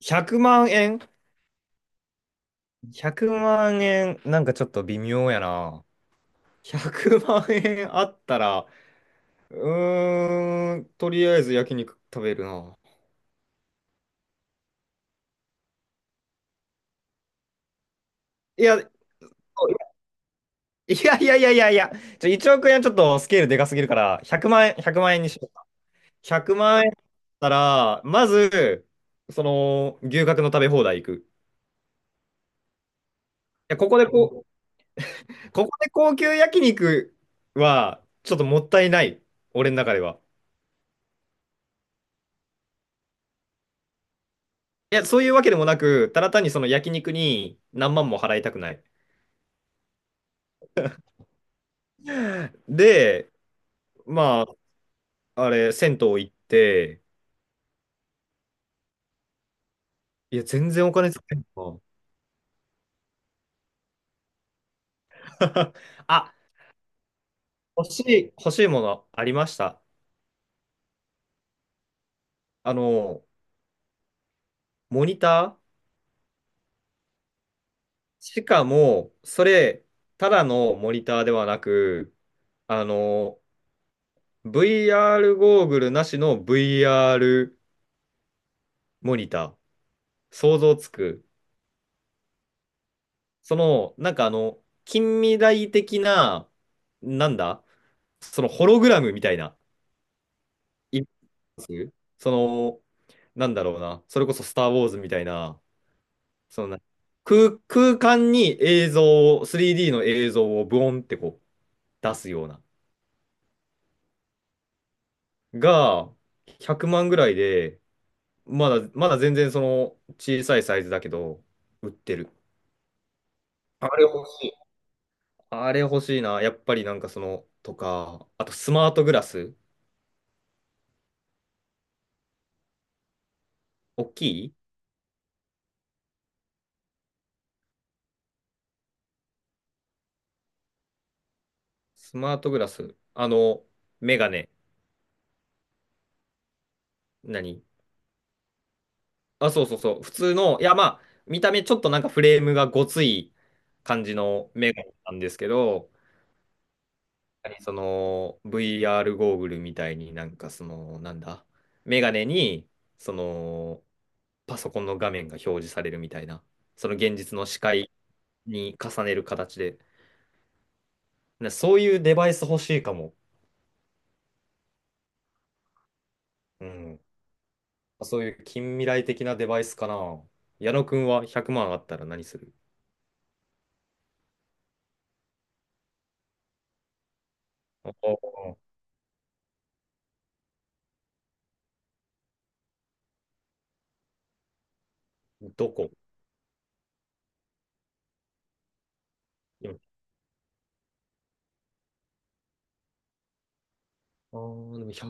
100万円。 100 万円、なんかちょっと微妙やな。100万円あったら、うとりあえず焼肉食べるな。いや、いやいやいやいやいや、1億円ちょっとスケールでかすぎるから、100万円、1万円にしようか。100万円だったら、まず、牛角の食べ放題行く。いや、ここで高級焼肉は、ちょっともったいない。俺の中では。いや、そういうわけでもなく、ただ単にその焼肉に何万も払いたくない。で、まあ、あれ、銭湯行って、いや、全然お金使えんの。あ、欲し欲しいものありました。あの、モニター。しかも、それ、ただのモニターではなく、あの、VR ゴーグルなしの VR モニター。想像つく。なんか近未来的な、なんだ、そのホログラムみたいな、イメージ。その、なんだろうな、それこそスター・ウォーズみたいな、そのな空間に映像を、3D の映像をブオンってこう出すような、が、100万ぐらいで、まだ全然その小さいサイズだけど、売ってる。あれ欲しい。あれ欲しいな。やっぱりなんかその、とか、あとスマートグラス、大きいスマートグラス。あの、メガネ。何、あ、そうそうそう。普通の、いや、まあ、見た目ちょっとなんかフレームがごつい感じのメガネなんですけど、その VR ゴーグルみたいになんかその、なんだ、メガネに、その、パソコンの画面が表示されるみたいな、その現実の視界に重ねる形で、そういうデバイス欲しいかも。うん。そういう近未来的なデバイスかな。矢野くんは100万あったら何する？あー、どこ？うん、あー、でも1、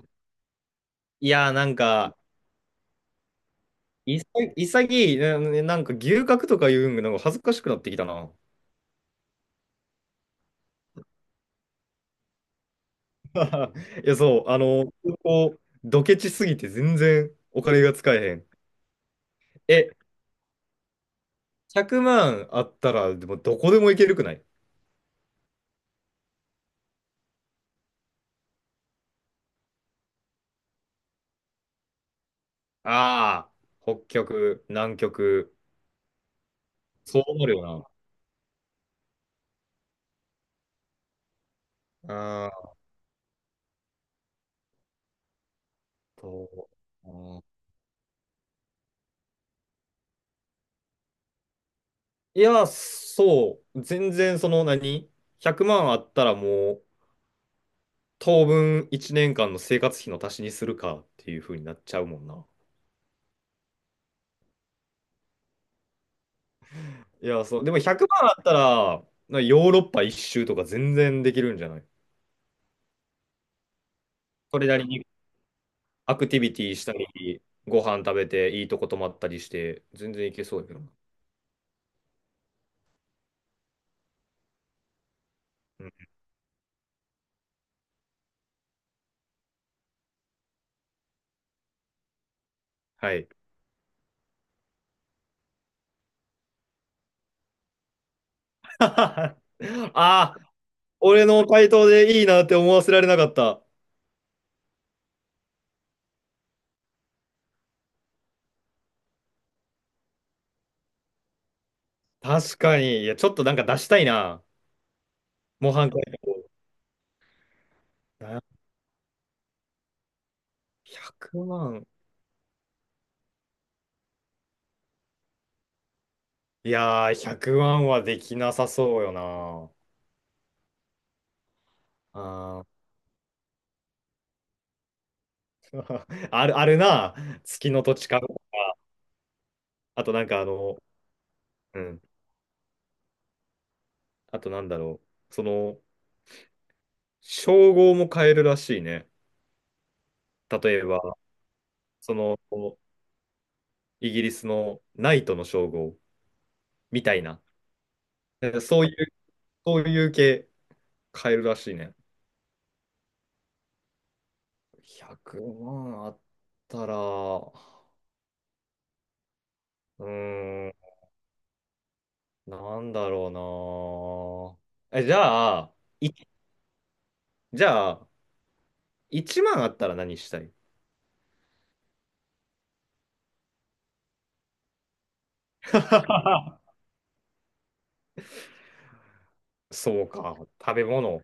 いやー、なんか、いさ、潔い、なんか牛角とか言うんが、なんか恥ずかしくなってきたな。いや、そう、あの、こう、ドケチすぎて全然お金が使えへん。え、100万あったら、でもどこでも行けるくない？ああー、北極、南極、そうなるよな。あーと、あー、いや、そう、全然その何、100万あったらもう、当分1年間の生活費の足しにするかっていう風になっちゃうもんな。いや、そう。でも100万あったら、ヨーロッパ一周とか全然できるんじゃない？それなりにアクティビティしたり、ご飯食べて、いいとこ泊まったりして、全然いけそうやけどな。うん、はい。ああ、俺の回答でいいなって思わせられなかった。確かに。いや、ちょっとなんか出したいな。模範解答。100万。いやー、100万はできなさそうよな。あー ある、あるな。月の土地か。あとなんかうん。あとなんだろう。その、称号も変えるらしいね。例えば、その、イギリスのナイトの称号みたいな。そういう、そういう系変えるらしいね。100万あったら、ーん、なんだろうな。え、じゃあ、い、じゃあ、1万あったら何したい？ そうか、食べ物。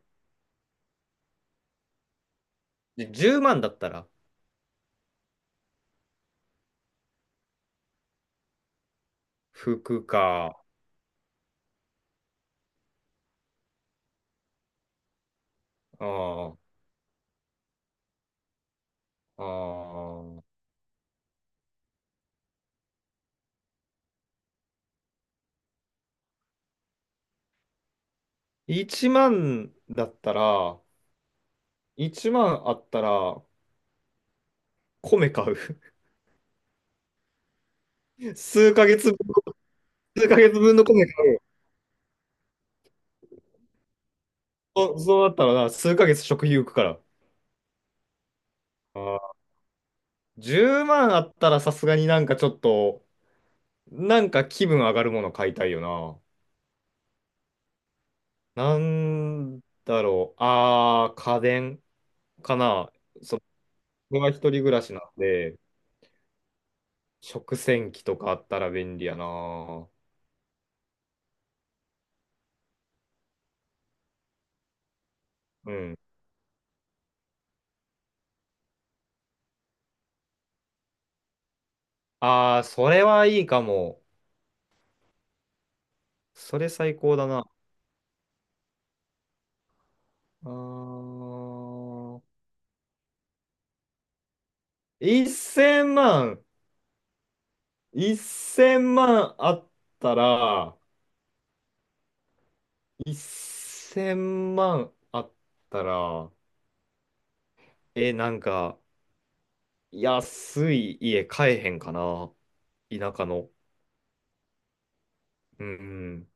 で10万だったら服か？ああ、ああ。1万だったら、1万あったら米買う。数ヶ月分、数ヶ月分の米買う。そうだったらな、数ヶ月食費浮くから。ああ、10万あったらさすがになんかちょっと、なんか気分上がるもの買いたいよな。なんだろう。ああ、家電かな。そう、僕は一人暮らしなんで、食洗機とかあったら便利やな。うん。ああ、それはいいかも。それ最高だな。あー、1000万。1000万あったら、1000万あったら、え、なんか、安い家買えへんかな。田舎の。うんうん。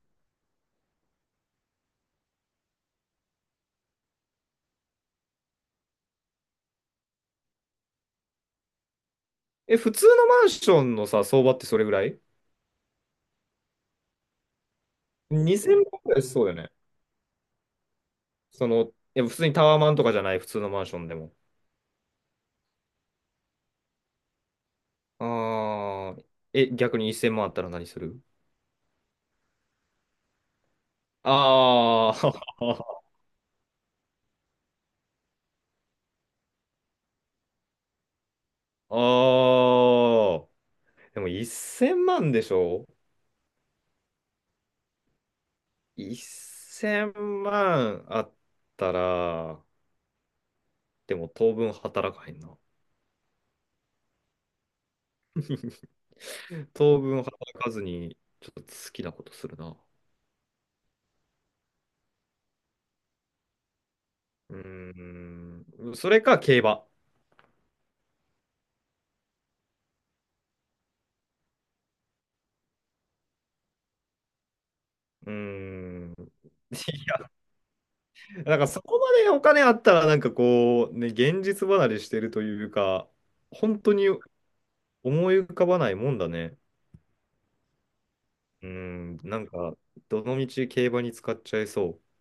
え、普通のマンションのさ、相場ってそれぐらい 2000 万ぐらいしそうよね？その、いや普通にタワーマンとかじゃない、普通のマンションでも。ああ、え、逆に1000万あったら何する？ああ、ああ、でも1000万でしょ？ 1000 万あったら、でも当分働かへんな。当分働かずに、ちょっと好きなことするな。うーそれか競馬。うーん、いやなんかそこまでお金あったら、なんかこう、ね、現実離れしてるというか、本当に思い浮かばないもんだね。うん、なんか、どのみち競馬に使っちゃいそう。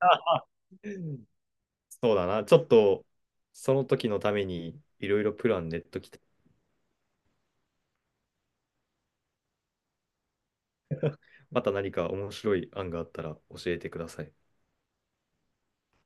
あ、そうだな。ちょっと、その時のために、いろいろプラン練っときて、また何か面白い案があったら教えてください。